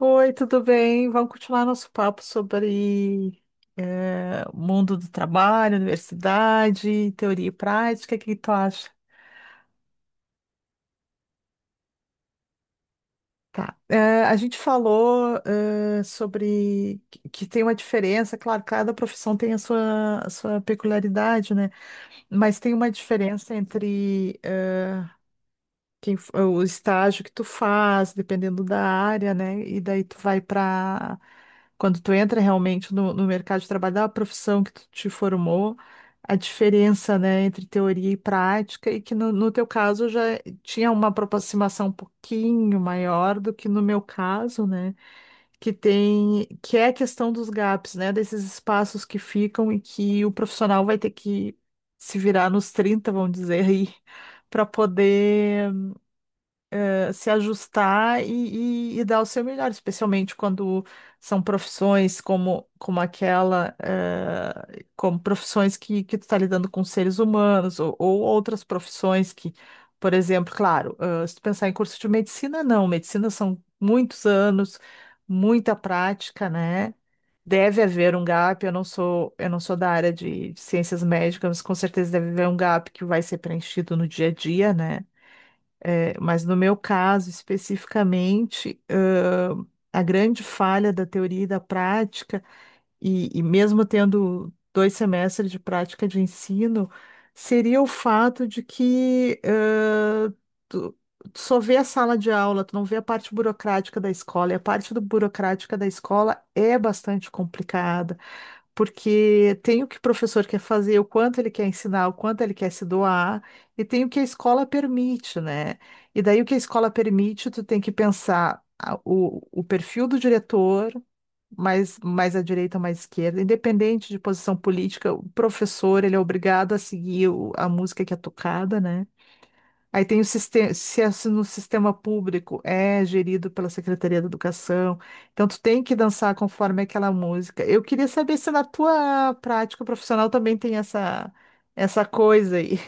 Oi, tudo bem? Vamos continuar nosso papo sobre o mundo do trabalho, universidade, teoria e prática. O que que tu acha? Tá. A gente falou sobre que tem uma diferença, claro, cada profissão tem a sua peculiaridade, né? Mas tem uma diferença entre o estágio que tu faz, dependendo da área, né? E daí tu vai para quando tu entra realmente no mercado de trabalho, da profissão que tu te formou, a diferença, né, entre teoria e prática, e que no teu caso já tinha uma aproximação um pouquinho maior do que no meu caso, né? Que tem, que é a questão dos gaps, né? Desses espaços que ficam e que o profissional vai ter que se virar nos 30, vamos dizer aí, para poder se ajustar e dar o seu melhor, especialmente quando são profissões como aquela, como profissões que tu está lidando com seres humanos ou outras profissões que, por exemplo, claro, se tu pensar em curso de medicina, não, medicina são muitos anos, muita prática, né? Deve haver um gap, eu não sou da área de ciências médicas, mas com certeza deve haver um gap que vai ser preenchido no dia a dia, né? É, mas no meu caso, especificamente, a grande falha da teoria e da prática, e mesmo tendo 2 semestres de prática de ensino, seria o fato de que tu, tu só vê a sala de aula, tu não vê a parte burocrática da escola, e a parte do burocrática da escola é bastante complicada porque tem o que o professor quer fazer, o quanto ele quer ensinar, o quanto ele quer se doar, e tem o que a escola permite, né? E daí o que a escola permite, tu tem que pensar o perfil do diretor, mais à direita, mais à esquerda, independente de posição política, o professor, ele é obrigado a seguir a música que é tocada, né? Aí tem o sistema, se é no sistema público, é gerido pela Secretaria da Educação. Então tu tem que dançar conforme aquela música. Eu queria saber se na tua prática profissional também tem essa coisa aí.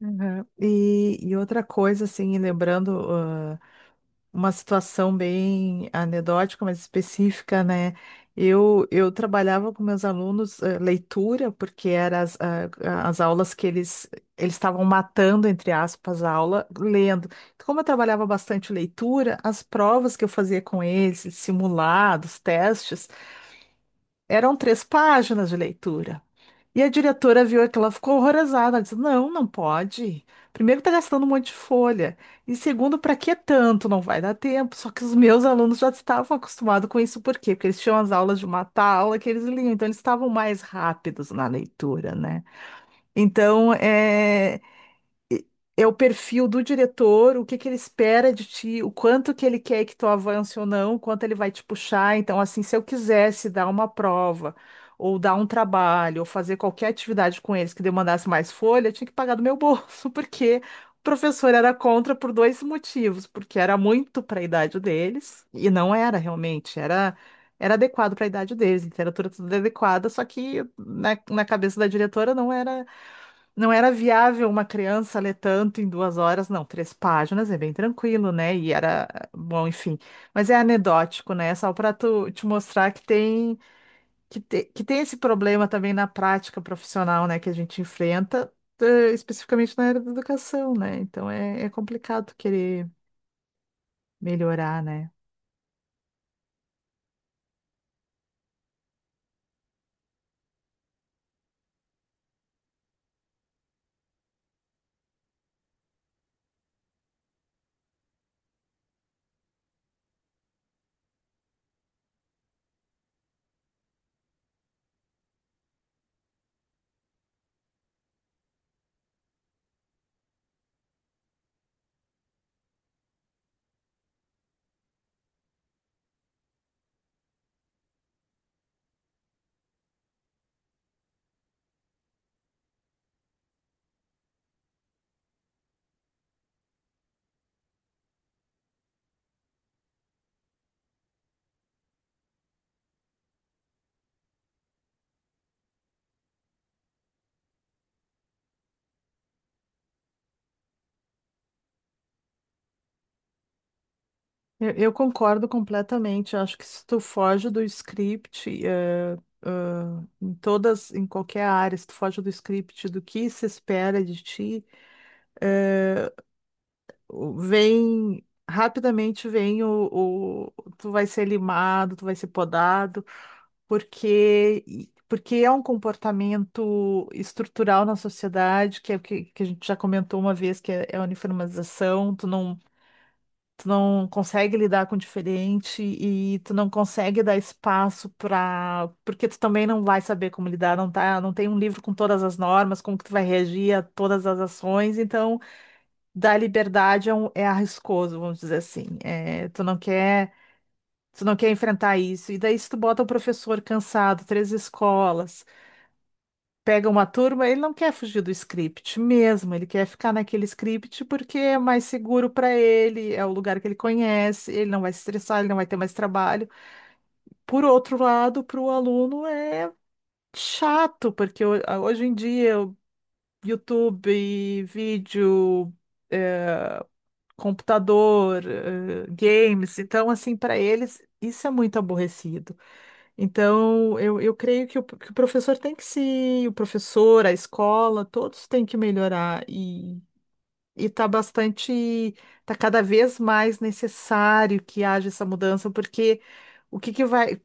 Uhum. E outra coisa, assim, lembrando, uma situação bem anedótica, mas específica, né? Eu trabalhava com meus alunos leitura, porque eram as aulas que eles estavam matando, entre aspas, a aula, lendo. Então, como eu trabalhava bastante leitura, as provas que eu fazia com eles, simulados, testes, eram três páginas de leitura. E a diretora viu aquilo, ela ficou horrorizada. Ela disse: Não, não pode. Primeiro, está gastando um monte de folha. E segundo, para que tanto? Não vai dar tempo. Só que os meus alunos já estavam acostumados com isso, por quê? Porque eles tinham as aulas de mata aula que eles liam, então eles estavam mais rápidos na leitura, né? Então, e- é o perfil do diretor, o que que ele espera de ti, o quanto que ele quer que tu avance ou não, o quanto ele vai te puxar. Então, assim, se eu quisesse dar uma prova, ou dar um trabalho, ou fazer qualquer atividade com eles que demandasse mais folha, eu tinha que pagar do meu bolso, porque o professor era contra por dois motivos, porque era muito para a idade deles, e não era realmente, era. Era adequado para a idade deles, literatura tudo adequada, só que na cabeça da diretora não era viável uma criança ler tanto em 2 horas, não, três páginas é bem tranquilo, né? E era, bom, enfim. Mas é anedótico, né? Só para tu te mostrar que tem, que tem esse problema também na prática profissional, né? Que a gente enfrenta, especificamente na área da educação, né? Então é complicado querer melhorar, né? Eu concordo completamente. Eu acho que se tu foge do script, em todas, em qualquer área, se tu foge do script, do que se espera de ti, eh, vem rapidamente, vem tu vai ser limado, tu vai ser podado, porque é um comportamento estrutural na sociedade, que é o que, que a gente já comentou uma vez, que é, é a uniformização, tu não consegue lidar com o diferente e tu não consegue dar espaço para, porque tu também não vai saber como lidar, não tá, não tem um livro com todas as normas, como que tu vai reagir a todas as ações, então dar liberdade é arriscoso, vamos dizer assim. É, tu não quer enfrentar isso. E daí se tu bota o professor cansado, três escolas, pega uma turma, ele não quer fugir do script mesmo, ele quer ficar naquele script porque é mais seguro para ele, é o lugar que ele conhece, ele não vai se estressar, ele não vai ter mais trabalho. Por outro lado, para o aluno é chato, porque hoje em dia o YouTube, vídeo, é, computador, games, então assim, para eles isso é muito aborrecido. Então, eu creio que que o professor tem que se, o professor, a escola, todos têm que melhorar e tá cada vez mais necessário que haja essa mudança, porque o que que vai,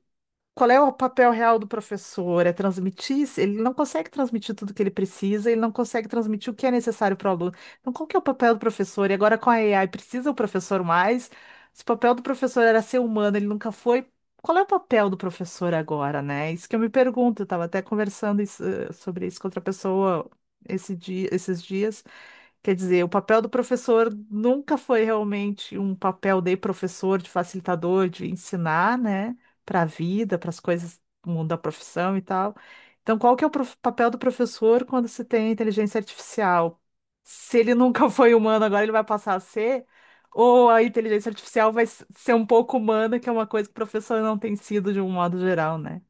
qual é o papel real do professor? É transmitir? Se Ele não consegue transmitir tudo que ele precisa, ele não consegue transmitir o que é necessário para o aluno. Então, qual que é o papel do professor? E agora com a AI, precisa o professor mais? Se o papel do professor era ser humano, ele nunca foi. Qual é o papel do professor agora, né? Isso que eu me pergunto. Eu estava até conversando isso, sobre isso com outra pessoa esses dias. Quer dizer, o papel do professor nunca foi realmente um papel de professor, de facilitador, de ensinar, né, para a vida, para as coisas do mundo da profissão e tal. Então, qual que é o papel do professor quando se tem inteligência artificial? Se ele nunca foi humano, agora ele vai passar a ser? Ou a inteligência artificial vai ser um pouco humana, que é uma coisa que o professor não tem sido de um modo geral, né?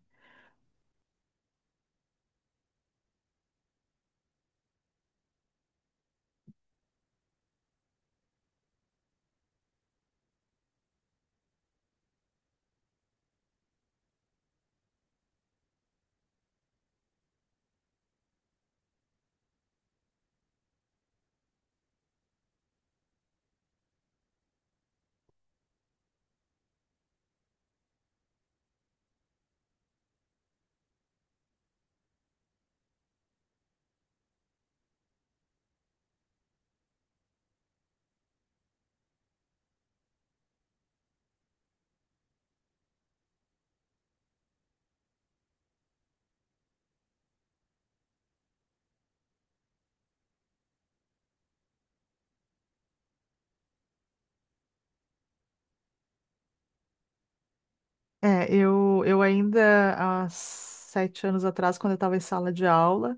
É, eu ainda, há 7 anos atrás, quando eu estava em sala de aula,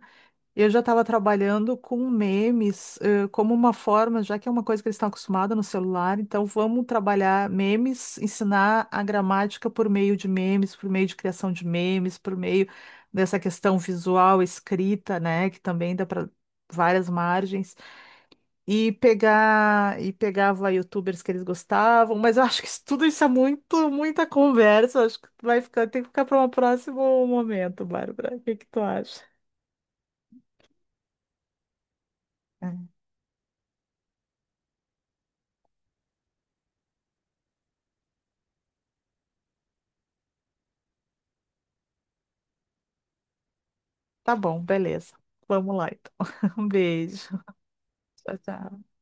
eu já estava trabalhando com memes, como uma forma, já que é uma coisa que eles estão acostumados no celular, então vamos trabalhar memes, ensinar a gramática por meio de memes, por meio de criação de memes, por meio dessa questão visual, escrita, né, que também dá para várias margens, e pegar e pegava youtubers que eles gostavam, mas eu acho que isso, tudo isso é muito, muita conversa, acho que vai ficar, tem que ficar para um próximo momento, Bárbara. O que que tu acha? Tá bom, beleza. Vamos lá então. Um beijo. Tchau, tchau.